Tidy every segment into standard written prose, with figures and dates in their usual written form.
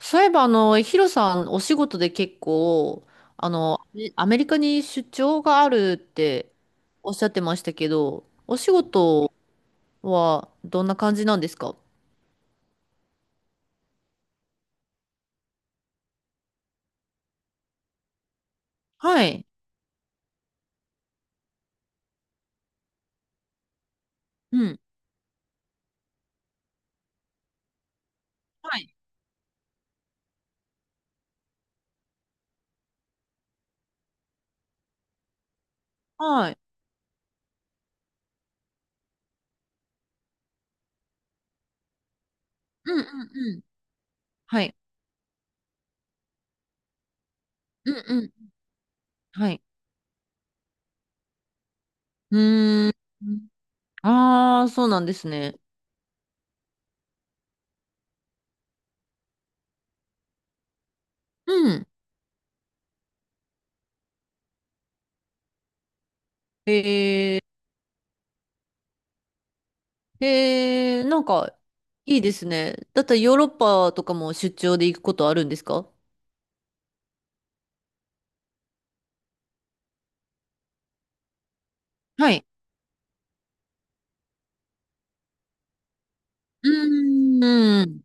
そういえば、ヒロさん、お仕事で結構、アメリカに出張があるっておっしゃってましたけど、お仕事はどんな感じなんですか？はい。うん。はい。はい。うんうんうん。はい。うんうん。はい。うーん。ああ、そうなんですね。うん。えなんか、いいですね。だったらヨーロッパとかも出張で行くことあるんですか？はい。うーん。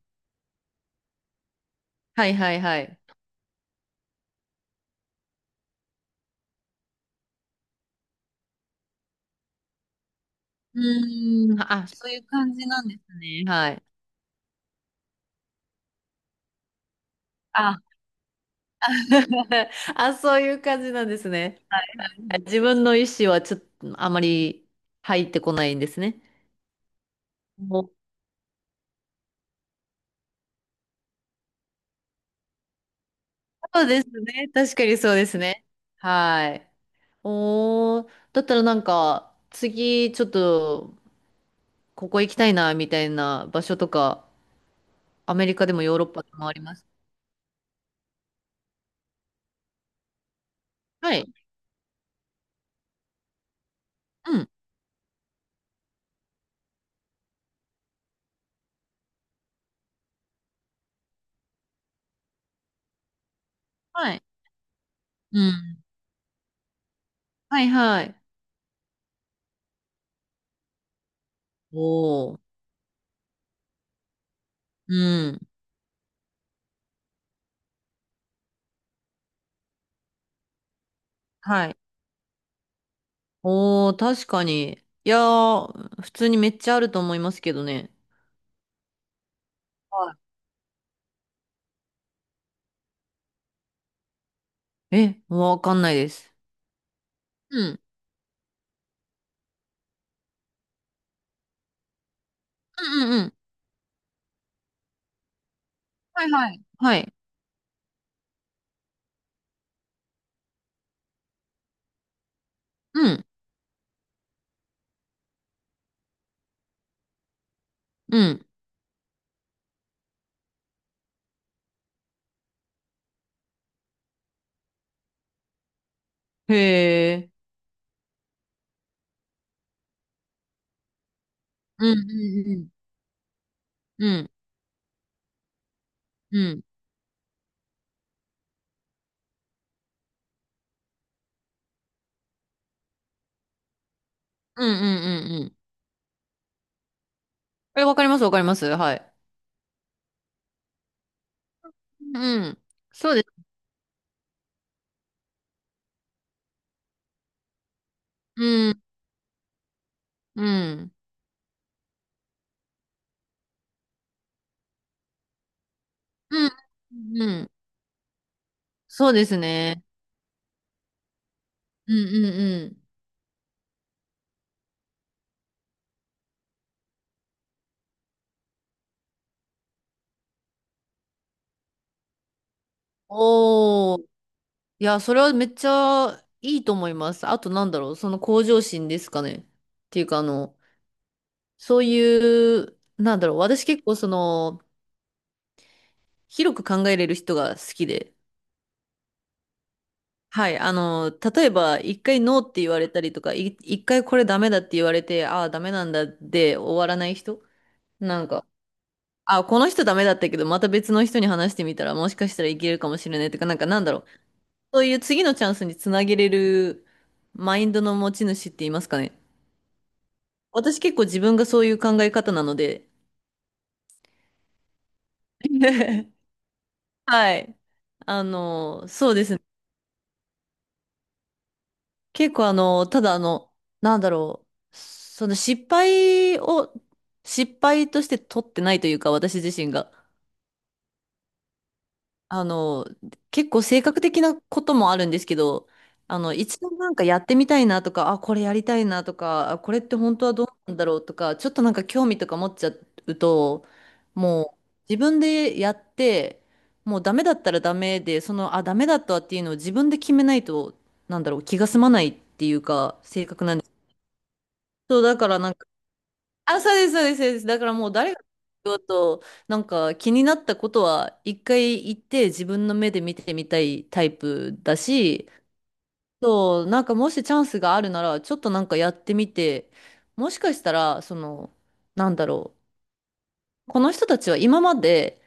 はいはいはい。うーん、あ、そういう感じなんですね。はい。あ、あ、そういう感じなんですね。自分の意思はちょっとあまり入ってこないんですね。もうそうですね。確かにそうですね。はい。おー、だったらなんか、次ちょっとここ行きたいな、みたいな場所とか、アメリカでもヨーロッパでもあります？はい。うん。はい。うん。はいはい。おー。うん。はい。おー、確かに。いやー、普通にめっちゃあると思いますけどね。はい。え、わかんないです。うん。うんうんうん。はいはい。はい。うん。うん。へえ。うんうんうん。うん。うんうんうんうんうん。え、わかりますわかります。はい。うん。そうです。うん。うん。うん。うん。そうですね。うんうんうん。おー。いや、それはめっちゃいいと思います。あとなんだろう、その向上心ですかね。っていうか、そういう、なんだろう、私結構その、広く考えれる人が好きで。はい、あの、例えば、一回ノーって言われたりとか、一回これダメだって言われて、ああ、ダメなんだで終わらない人、なんか、ああ、この人ダメだったけど、また別の人に話してみたら、もしかしたらいけるかもしれないとか、なんかなんだろう、そういう次のチャンスにつなげれるマインドの持ち主って言いますかね。私結構自分がそういう考え方なので。はい。あの、そうですね。結構あの、ただあの、なんだろう。その失敗を、失敗として取ってないというか、私自身が。あの、結構性格的なこともあるんですけど、一度なんかやってみたいなとか、あ、これやりたいなとか、あこれって本当はどうなんだろうとか、ちょっとなんか興味とか持っちゃうと、もう自分でやって、もうダメだったらダメで、その、あ、ダメだったっていうのを自分で決めないと、なんだろう、気が済まないっていうか、性格なんです。そう、だからなんか、あ、そうです、そうです、そうです。だからもう誰が言おうと、なんか気になったことは一回行って自分の目で見てみたいタイプだし、そう、なんかもしチャンスがあるなら、ちょっとなんかやってみて、もしかしたら、その、なんだろう、この人たちは今まで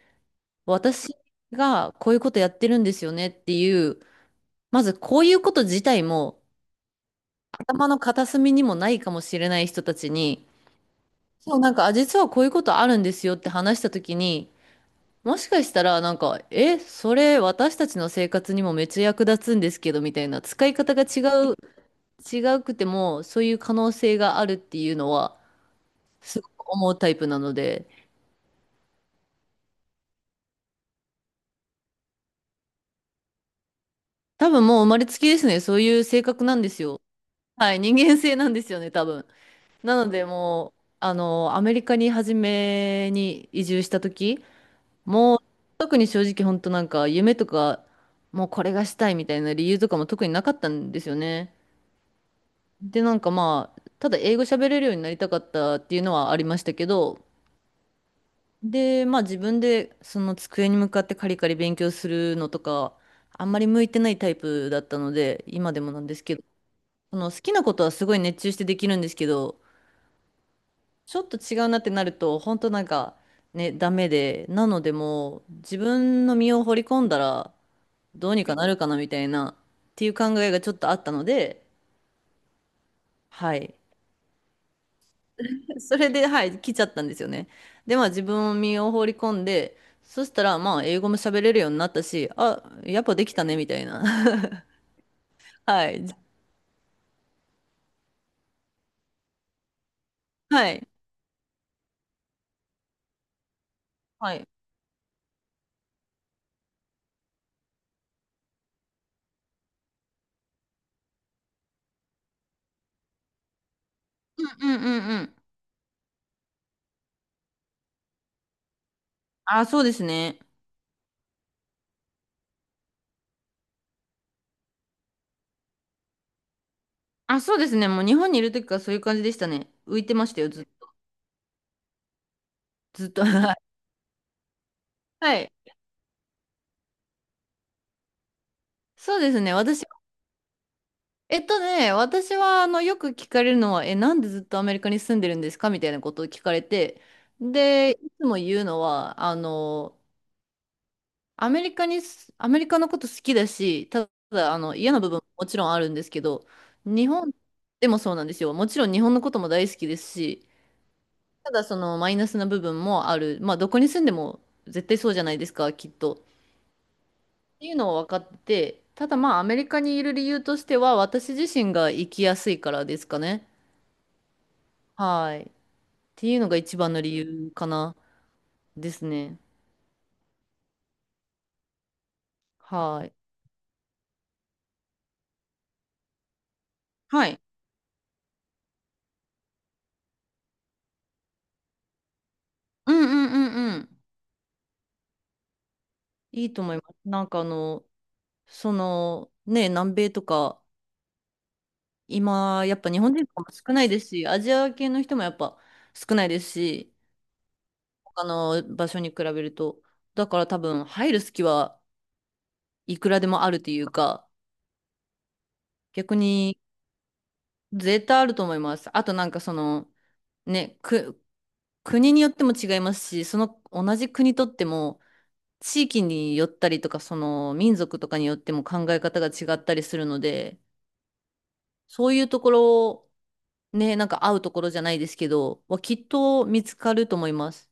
私がこういうことやってるんですよねっていう、まずこういうこと自体も頭の片隅にもないかもしれない人たちに、そう、なんか、あ、実はこういうことあるんですよって話したときに、もしかしたら、なんか、え、それ私たちの生活にもめっちゃ役立つんですけど、みたいな、使い方が違う、違うくても、そういう可能性があるっていうのは、すごく思うタイプなので、多分もう生まれつきですね、そういう性格なんですよ。はい、人間性なんですよね、多分。なので、もう、アメリカに初めに移住した時もう、特に正直、本当なんか、夢とか、もうこれがしたいみたいな理由とかも特になかったんですよね。で、なんかまあ、ただ英語喋れるようになりたかったっていうのはありましたけど、で、まあ自分でその机に向かってカリカリ勉強するのとか、あんまり向いてないタイプだったので、今でもなんですけど、その好きなことはすごい熱中してできるんですけど、ちょっと違うなってなると、本当なんかね、ダメで、なのでもう自分の身を掘り込んだらどうにかなるかなみたいなっていう考えがちょっとあったので、はい。それで、はい、来ちゃったんですよね。で、まあ自分を身を放り込んで、そしたら、まあ英語も喋れるようになったし、あ、やっぱできたね、みたいな。はい。はい。はい。うんうんうんうん。あ、そうですね。あ、そうですね。もう日本にいる時からそういう感じでしたね。浮いてましたよ、ずっと。はい。はい。そうですね。えっとね、私は、あの、よく聞かれるのは、え、なんでずっとアメリカに住んでるんですかみたいなことを聞かれて、で、いつも言うのは、アメリカのこと好きだし、ただ、あの、嫌な部分ももちろんあるんですけど、日本でもそうなんですよ。もちろん日本のことも大好きですし、ただそのマイナスな部分もある。まあ、どこに住んでも絶対そうじゃないですか、きっと。っていうのを分かってて、ただまあ、アメリカにいる理由としては、私自身が生きやすいからですかね。はい。っていうのが一番の理由かな、ですね。はい。はい。うんうんうんうん。いいと思います。その、ね、南米とか、今、やっぱ日本人とかも少ないですし、アジア系の人もやっぱ少ないですし、他の場所に比べると。だから多分、入る隙はいくらでもあるというか、逆に絶対あると思います。あとなんかその、ね、く、国によっても違いますし、その同じ国とっても、地域によったりとか、その民族とかによっても考え方が違ったりするので、そういうところね、なんか会うところじゃないですけど、はきっと見つかると思います。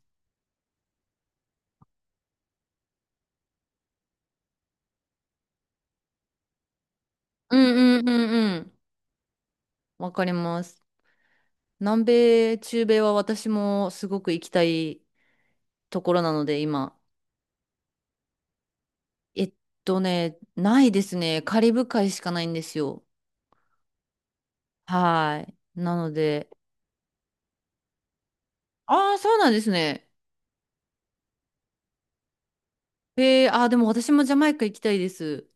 うんうんうんうん。わかります。南米、中米は私もすごく行きたいところなので、今。えっとね、ないですね。カリブ海しかないんですよ。はい。なので、ああ、そうなんですね。えー、ああ、でも私もジャマイカ行きたいです。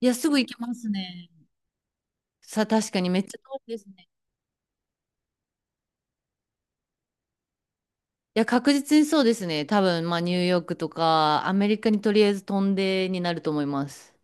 いや、すぐ行けますね。さあ、確かにめっちゃ遠いですね。いや、確実にそうですね。多分、まあ、ニューヨークとか、アメリカにとりあえず飛んでになると思います。